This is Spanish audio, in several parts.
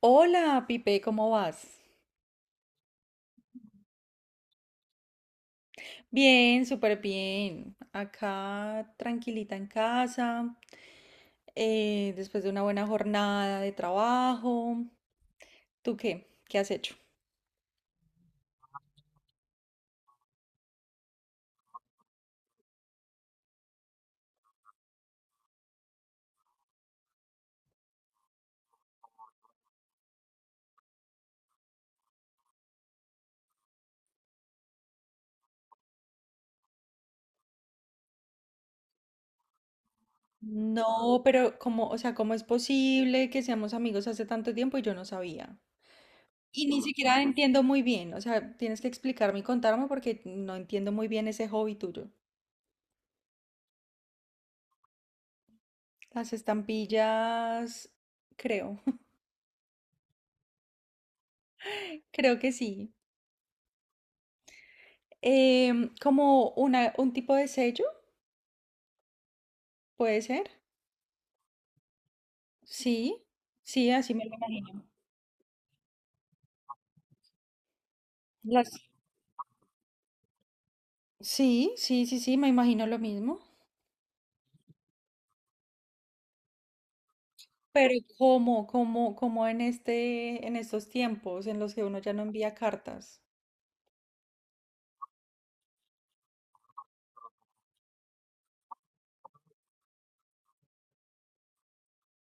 Hola, Pipe, ¿cómo vas? Bien, súper bien. Acá tranquilita en casa, después de una buena jornada de trabajo. ¿Tú qué? ¿Qué has hecho? No, pero ¿cómo, o sea, cómo es posible que seamos amigos hace tanto tiempo y yo no sabía? Y ni siquiera entiendo muy bien, o sea, tienes que explicarme y contarme porque no entiendo muy bien ese hobby tuyo. Las estampillas, creo, creo que sí. Como una, un tipo de sello. Puede ser, sí, sí, así me lo imagino. Las... Sí, sí, sí, sí, me imagino lo mismo. Pero ¿cómo, cómo en este, en estos tiempos en los que uno ya no envía cartas?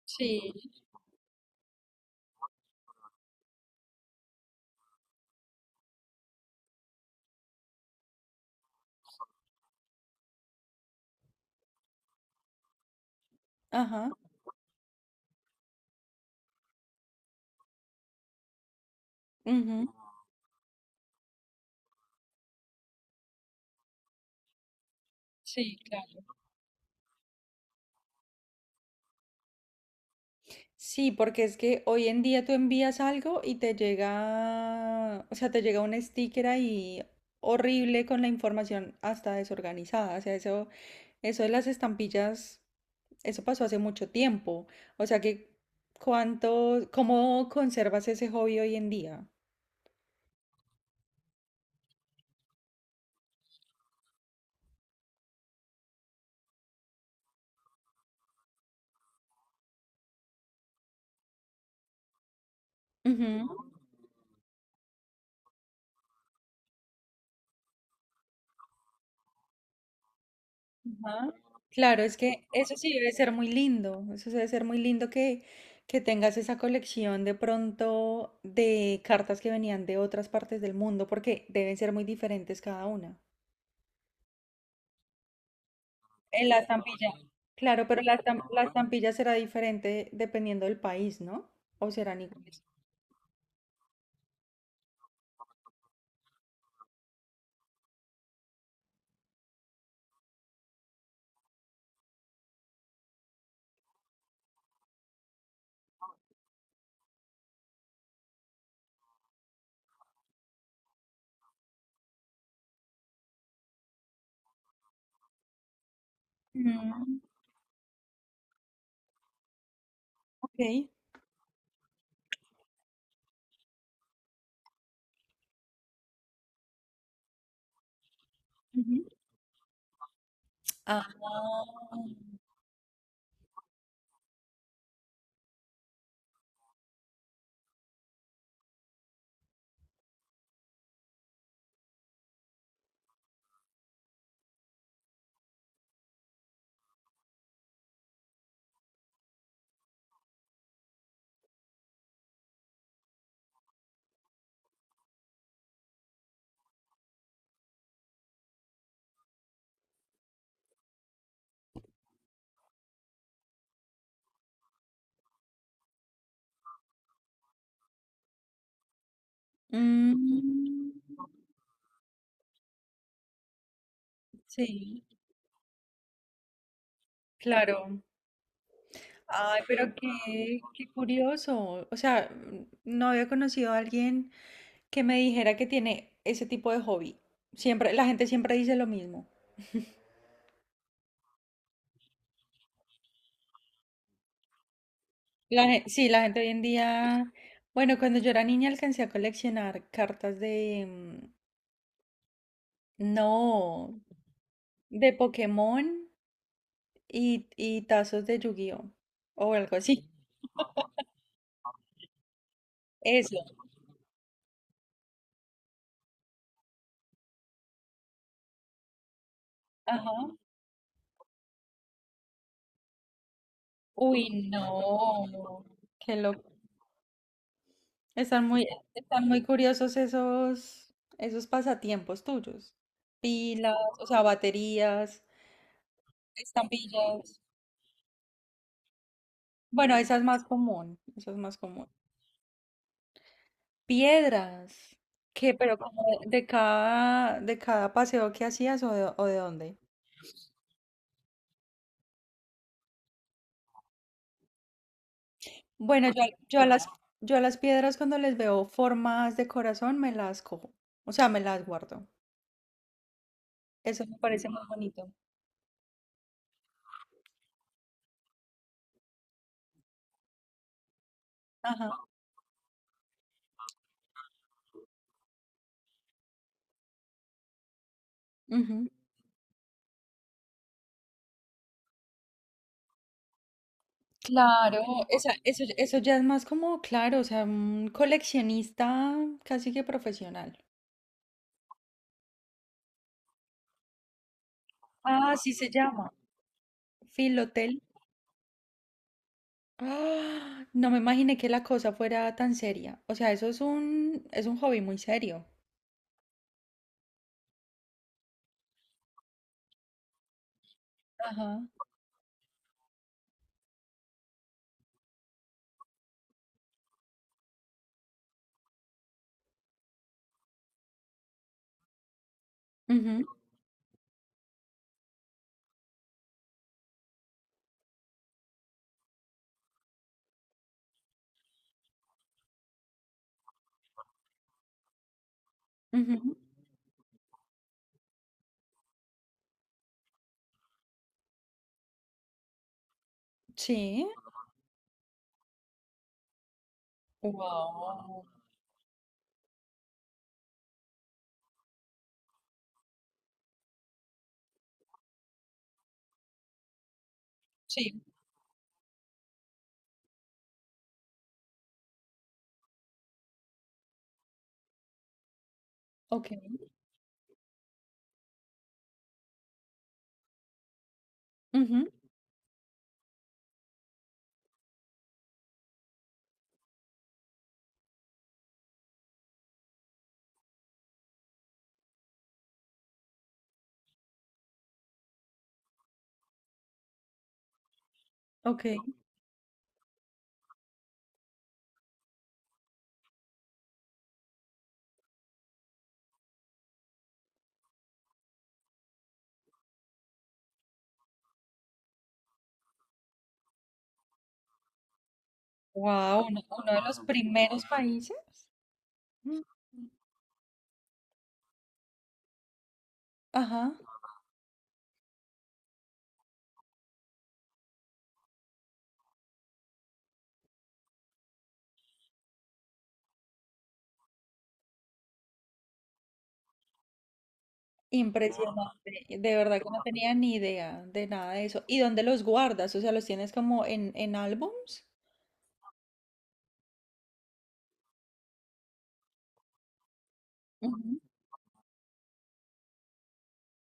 Sí. Ajá. Ujú. Sí, claro. Sí, porque es que hoy en día tú envías algo y te llega, o sea, te llega un sticker ahí horrible con la información hasta desorganizada. O sea, eso. Eso de las estampillas, eso pasó hace mucho tiempo. O sea que, ¿cuánto, cómo conservas ese hobby hoy en día? Ujú, ajá. Claro, es que eso sí debe ser muy lindo. Eso debe ser muy lindo que tengas esa colección de pronto de cartas que venían de otras partes del mundo, porque deben ser muy diferentes cada una. En la estampilla. Claro, pero la, estam- la estampilla será diferente dependiendo del país, ¿no? ¿O serán iguales? Mm, ok. Ujú. Ah, mm, sí, claro. Ay, pero qué, qué curioso. O sea, no había conocido a alguien que me dijera que tiene ese tipo de hobby. Siempre, la gente siempre dice lo mismo. La, gen- sí, la gente hoy en día. Bueno, cuando yo era niña alcancé a coleccionar cartas de, no, de Pokémon y tazos de Yu-Gi-Oh! O algo así. Eso. Ajá. Uy, no, qué loco. Están muy, están muy curiosos esos, esos pasatiempos tuyos. Pilas, o sea, baterías, estampillas. Bueno, esa es más común, esa es más común. Piedras. ¿Qué? Pero como de cada paseo que hacías o de dónde. Bueno, yo a las piedras cuando les veo formas de corazón me las cojo. O sea, me las guardo. Eso me parece muy bonito. Ajá. Claro, esa- eso ya es más como, claro, o sea, un coleccionista casi que profesional. Ah, sí se llama. Filotel. Ah, no me imaginé que la cosa fuera tan seria. O sea, eso es un hobby muy serio. Ajá. Ujú, ujú. Sí. Wow. Sí. Ok. Ujú, ok. Wow, uno, uno de los primeros países. Mm, ajá. Impresionante, de verdad que no tenía ni idea de nada de eso. ¿Y dónde los guardas? O sea, ¿los tienes como en álbums? Ujú.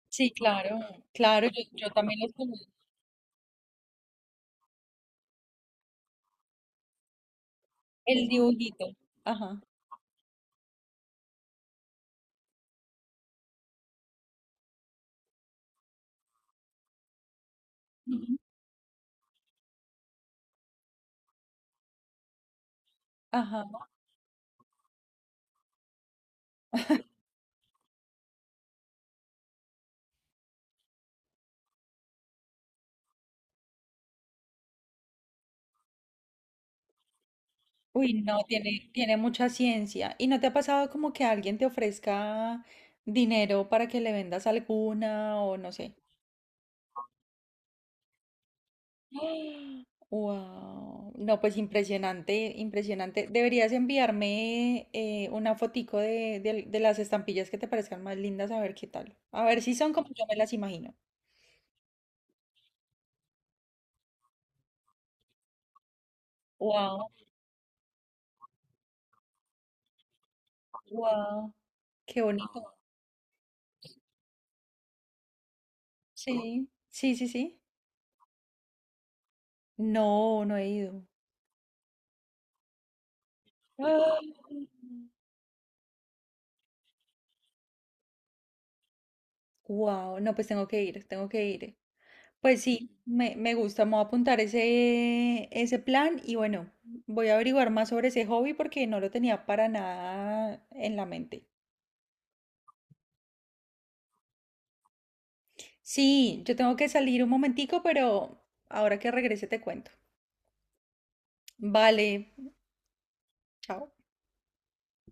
Sí, claro, claro, yo también los conozco. El dibujito. Ajá. Ujú. Ajá. Uy, no, tiene, tiene mucha ciencia. ¿Y no te ha pasado como que alguien te ofrezca dinero para que le vendas alguna o no sé? Wow. No, pues impresionante, impresionante. Deberías enviarme una fotico de las estampillas que te parezcan más lindas, a ver qué tal. A ver si son como yo me las imagino. Wow, wow. Qué bonito. Sí, sí, sí, sí. No, no he ido. Wow, no, pues tengo que ir, tengo que ir. Pues sí, me gusta, me voy a apuntar ese, ese plan y bueno, voy a averiguar más sobre ese hobby porque no lo tenía para nada en la mente. Sí, yo tengo que salir un momentico, pero ahora que regrese te cuento. Vale, chao.